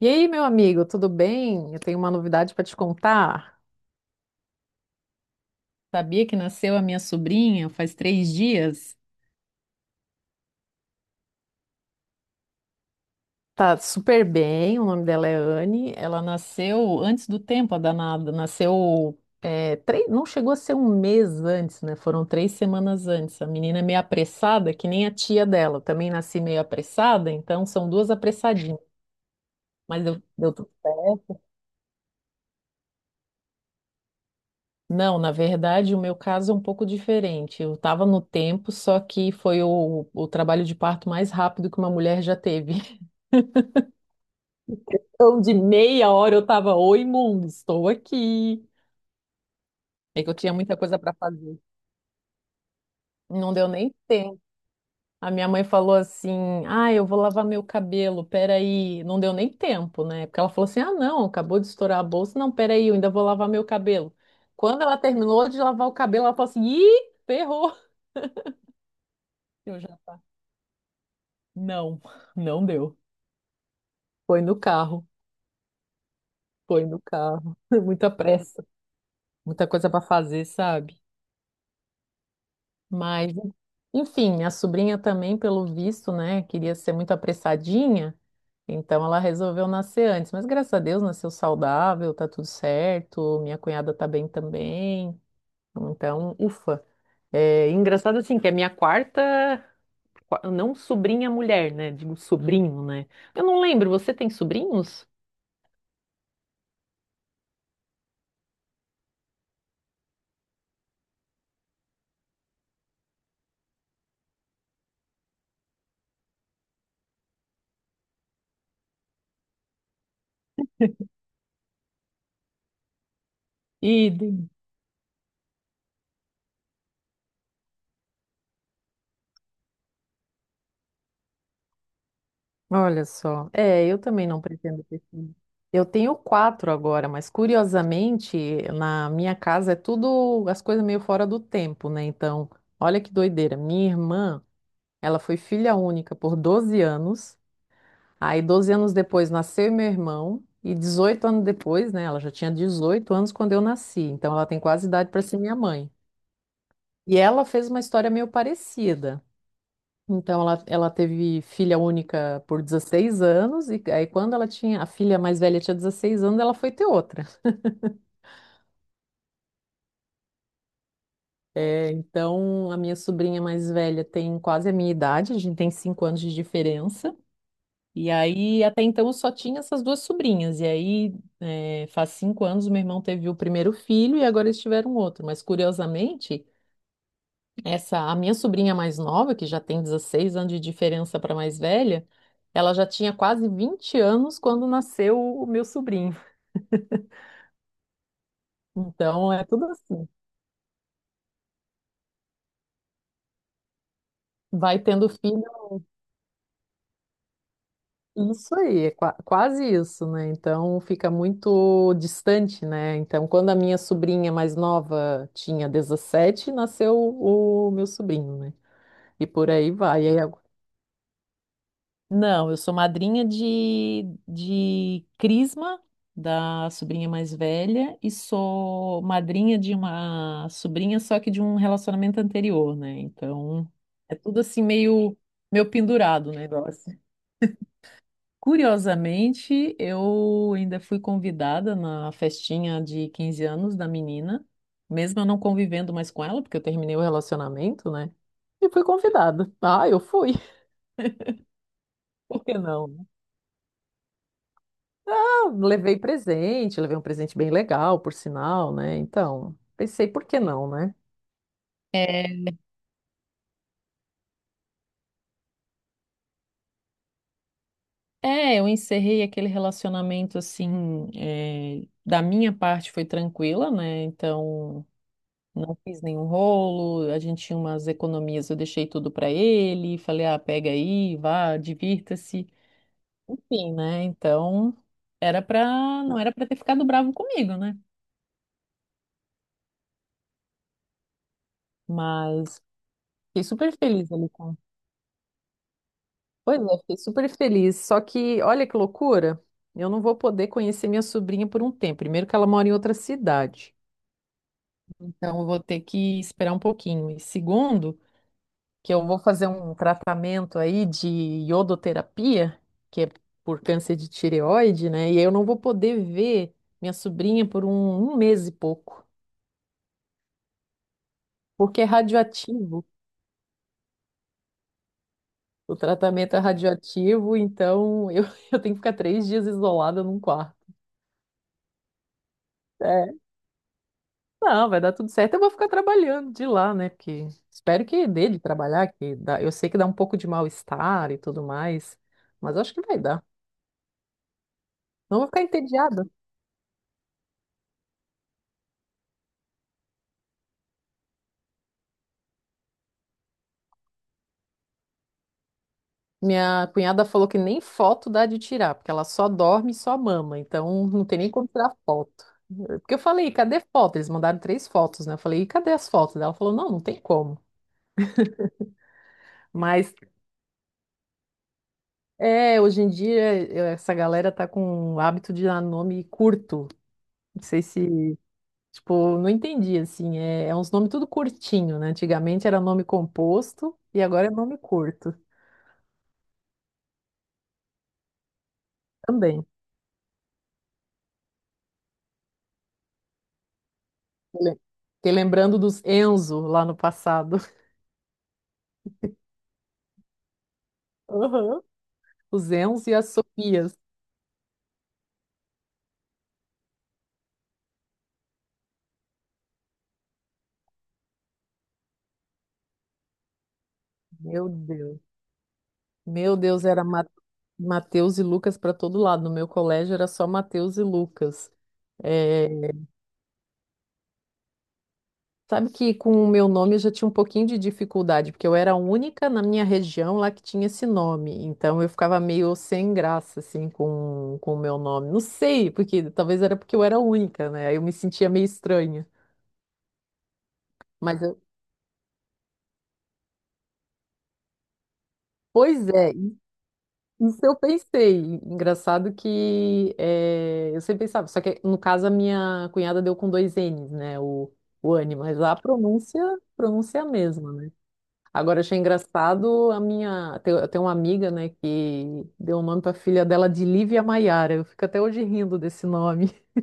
E aí, meu amigo, tudo bem? Eu tenho uma novidade para te contar. Sabia que nasceu a minha sobrinha faz três dias? Tá super bem, o nome dela é Anne. Ela nasceu antes do tempo, a danada. Nasceu, três, não chegou a ser um mês antes, né? Foram três semanas antes. A menina é meio apressada, que nem a tia dela. Eu também nasci meio apressada, então são duas apressadinhas. Mas deu tudo certo. Não, na verdade, o meu caso é um pouco diferente. Eu estava no tempo, só que foi o trabalho de parto mais rápido que uma mulher já teve. Então, de meia hora eu estava, oi, mundo, estou aqui. É que eu tinha muita coisa para fazer. Não deu nem tempo. A minha mãe falou assim: ah, eu vou lavar meu cabelo, peraí. Não deu nem tempo, né? Porque ela falou assim: ah, não, acabou de estourar a bolsa, não, peraí, eu ainda vou lavar meu cabelo. Quando ela terminou de lavar o cabelo, ela falou assim: ih, ferrou. Eu já tá. Não, não deu. Foi no carro, foi no carro. Muita pressa, muita coisa para fazer, sabe? Mas, enfim, minha sobrinha também, pelo visto, né, queria ser muito apressadinha, então ela resolveu nascer antes. Mas graças a Deus nasceu saudável, tá tudo certo. Minha cunhada tá bem também. Então, ufa. É engraçado assim que é minha quarta, não sobrinha mulher, né? Digo sobrinho, né? Eu não lembro, você tem sobrinhos? E olha só. É, eu também não pretendo ter filho. Eu tenho quatro agora, mas curiosamente, na minha casa é tudo as coisas meio fora do tempo, né? Então, olha que doideira. Minha irmã, ela foi filha única por 12 anos. Aí, 12 anos depois, nasceu meu irmão. E 18 anos depois, né? Ela já tinha 18 anos quando eu nasci. Então, ela tem quase idade para ser minha mãe. E ela fez uma história meio parecida. Então ela teve filha única por 16 anos, e aí quando ela tinha, a filha mais velha tinha 16 anos, ela foi ter outra. É, então a minha sobrinha mais velha tem quase a minha idade, a gente tem 5 anos de diferença. E aí até então eu só tinha essas duas sobrinhas. E aí faz cinco anos meu irmão teve o primeiro filho e agora eles tiveram outro. Mas curiosamente, essa, a minha sobrinha mais nova, que já tem 16 anos de diferença para a mais velha, ela já tinha quase 20 anos quando nasceu o meu sobrinho. Então é tudo assim. Vai tendo filho, isso aí, é quase isso, né? Então fica muito distante, né? Então, quando a minha sobrinha mais nova tinha 17, nasceu o meu sobrinho, né? E por aí vai. Não, eu sou madrinha de Crisma, da sobrinha mais velha, e sou madrinha de uma sobrinha, só que de um relacionamento anterior, né? Então, é tudo assim meio, meio pendurado o negócio. Curiosamente, eu ainda fui convidada na festinha de 15 anos da menina, mesmo eu não convivendo mais com ela, porque eu terminei o relacionamento, né? E fui convidada. Ah, eu fui. Por que não? Eu levei presente, levei um presente bem legal, por sinal, né? Então, pensei, por que não, né? É, eu encerrei aquele relacionamento assim, da minha parte foi tranquila, né? Então, não fiz nenhum rolo, a gente tinha umas economias, eu deixei tudo pra ele, falei, ah, pega aí, vá, divirta-se. Enfim, né? Então, era pra, não era pra ter ficado bravo comigo, né? Mas fiquei super feliz ali com. Pois é, fiquei super feliz. Só que, olha que loucura, eu não vou poder conhecer minha sobrinha por um tempo. Primeiro, que ela mora em outra cidade, então eu vou ter que esperar um pouquinho. E segundo, que eu vou fazer um tratamento aí de iodoterapia, que é por câncer de tireoide, né? E eu não vou poder ver minha sobrinha por um mês e pouco, porque é radioativo. O tratamento é radioativo, então eu, eu tenho que ficar três dias isolada num quarto. É, não, vai dar tudo certo. Eu vou ficar trabalhando de lá, né? Porque espero que dê de trabalhar, que dá... eu sei que dá um pouco de mal-estar e tudo mais, mas acho que vai dar. Não vou ficar entediada. Minha cunhada falou que nem foto dá de tirar, porque ela só dorme e só mama, então não tem nem como tirar foto. Porque eu falei, cadê foto? Eles mandaram três fotos, né? Eu falei, e cadê as fotos? Ela falou, não, não tem como. Mas é, hoje em dia essa galera tá com o hábito de dar nome curto. Não sei se tipo, não entendi, assim, é uns nomes tudo curtinho, né? Antigamente era nome composto e agora é nome curto também. Le- Fiquei lembrando dos Enzo lá no passado. Aham. Os Enzo e as Sofias. Meu Deus. Meu Deus, era Mateus e Lucas para todo lado. No meu colégio era só Mateus e Lucas. É, sabe que com o meu nome eu já tinha um pouquinho de dificuldade, porque eu era a única na minha região lá que tinha esse nome. Então eu ficava meio sem graça, assim, com o meu nome. Não sei, porque talvez era porque eu era a única, né? Aí eu me sentia meio estranha. Mas pois é, isso eu pensei. Engraçado que eu sempre pensava, só que no caso a minha cunhada deu com dois N's, né? O Anne, mas lá a pronúncia, pronúncia é a mesma. Agora, achei engraçado a minha. Eu tenho uma amiga, né, que deu o nome para filha dela de Lívia Maiara. Eu fico até hoje rindo desse nome.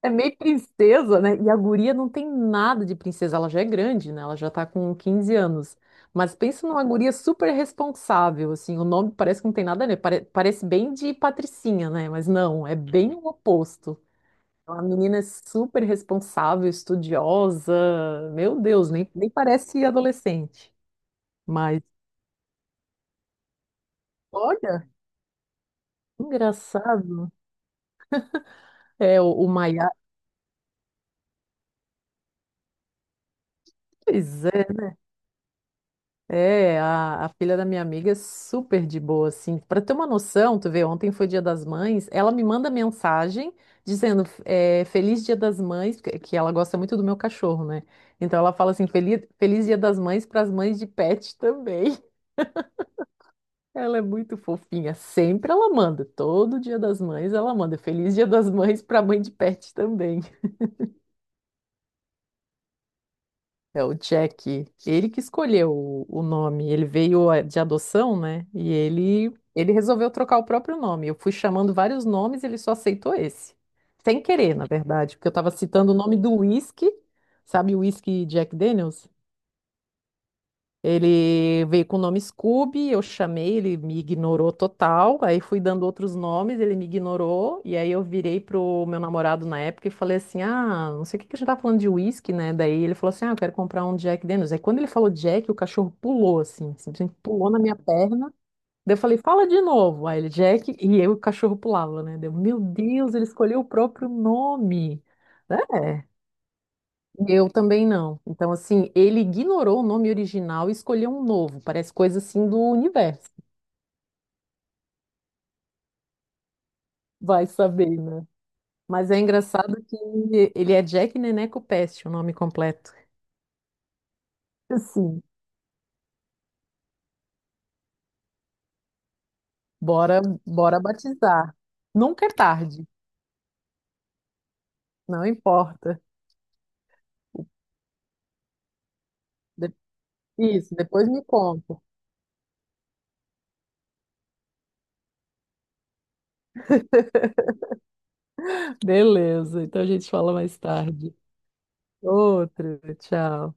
É meio princesa, né? E a guria não tem nada de princesa. Ela já é grande, né? Ela já tá com 15 anos. Mas pensa numa guria super responsável, assim. O nome parece que não tem nada a ver. Parece bem de patricinha, né? Mas não, é bem o oposto. É uma menina super responsável, estudiosa. Meu Deus, nem parece adolescente. Mas. Olha. Engraçado. É, o Maiá, pois é, é a filha da minha amiga é super de boa, assim. Para ter uma noção, tu vê, ontem foi Dia das Mães, ela me manda mensagem dizendo é, Feliz Dia das Mães, que ela gosta muito do meu cachorro, né? Então ela fala assim, Feliz Dia das Mães para as mães de pet também. Ela é muito fofinha, sempre ela manda, todo Dia das Mães ela manda Feliz Dia das Mães para mãe de pet também. É o Jack, ele que escolheu o nome, ele veio de adoção, né? E ele resolveu trocar o próprio nome. Eu fui chamando vários nomes, e ele só aceitou esse. Sem querer, na verdade, porque eu estava citando o nome do whisky, sabe o whisky Jack Daniels? Ele veio com o nome Scooby, eu chamei, ele me ignorou total. Aí fui dando outros nomes, ele me ignorou. E aí eu virei pro meu namorado na época e falei assim: ah, não sei o que a gente tá falando de uísque, né? Daí ele falou assim: ah, eu quero comprar um Jack Daniels. Aí quando ele falou Jack, o cachorro pulou, assim, simplesmente pulou na minha perna. Daí eu falei: fala de novo. Aí ele, Jack, e eu, o cachorro pulava, né? Deu, meu Deus, ele escolheu o próprio nome. É. Eu também não. Então, assim, ele ignorou o nome original e escolheu um novo. Parece coisa assim do universo. Vai saber, né? Mas é engraçado que ele é Jack Neneco Peste, o nome completo. Assim, bora batizar. Nunca é tarde, não importa. De- Isso, depois me conta. Beleza, então a gente fala mais tarde. Outro, tchau.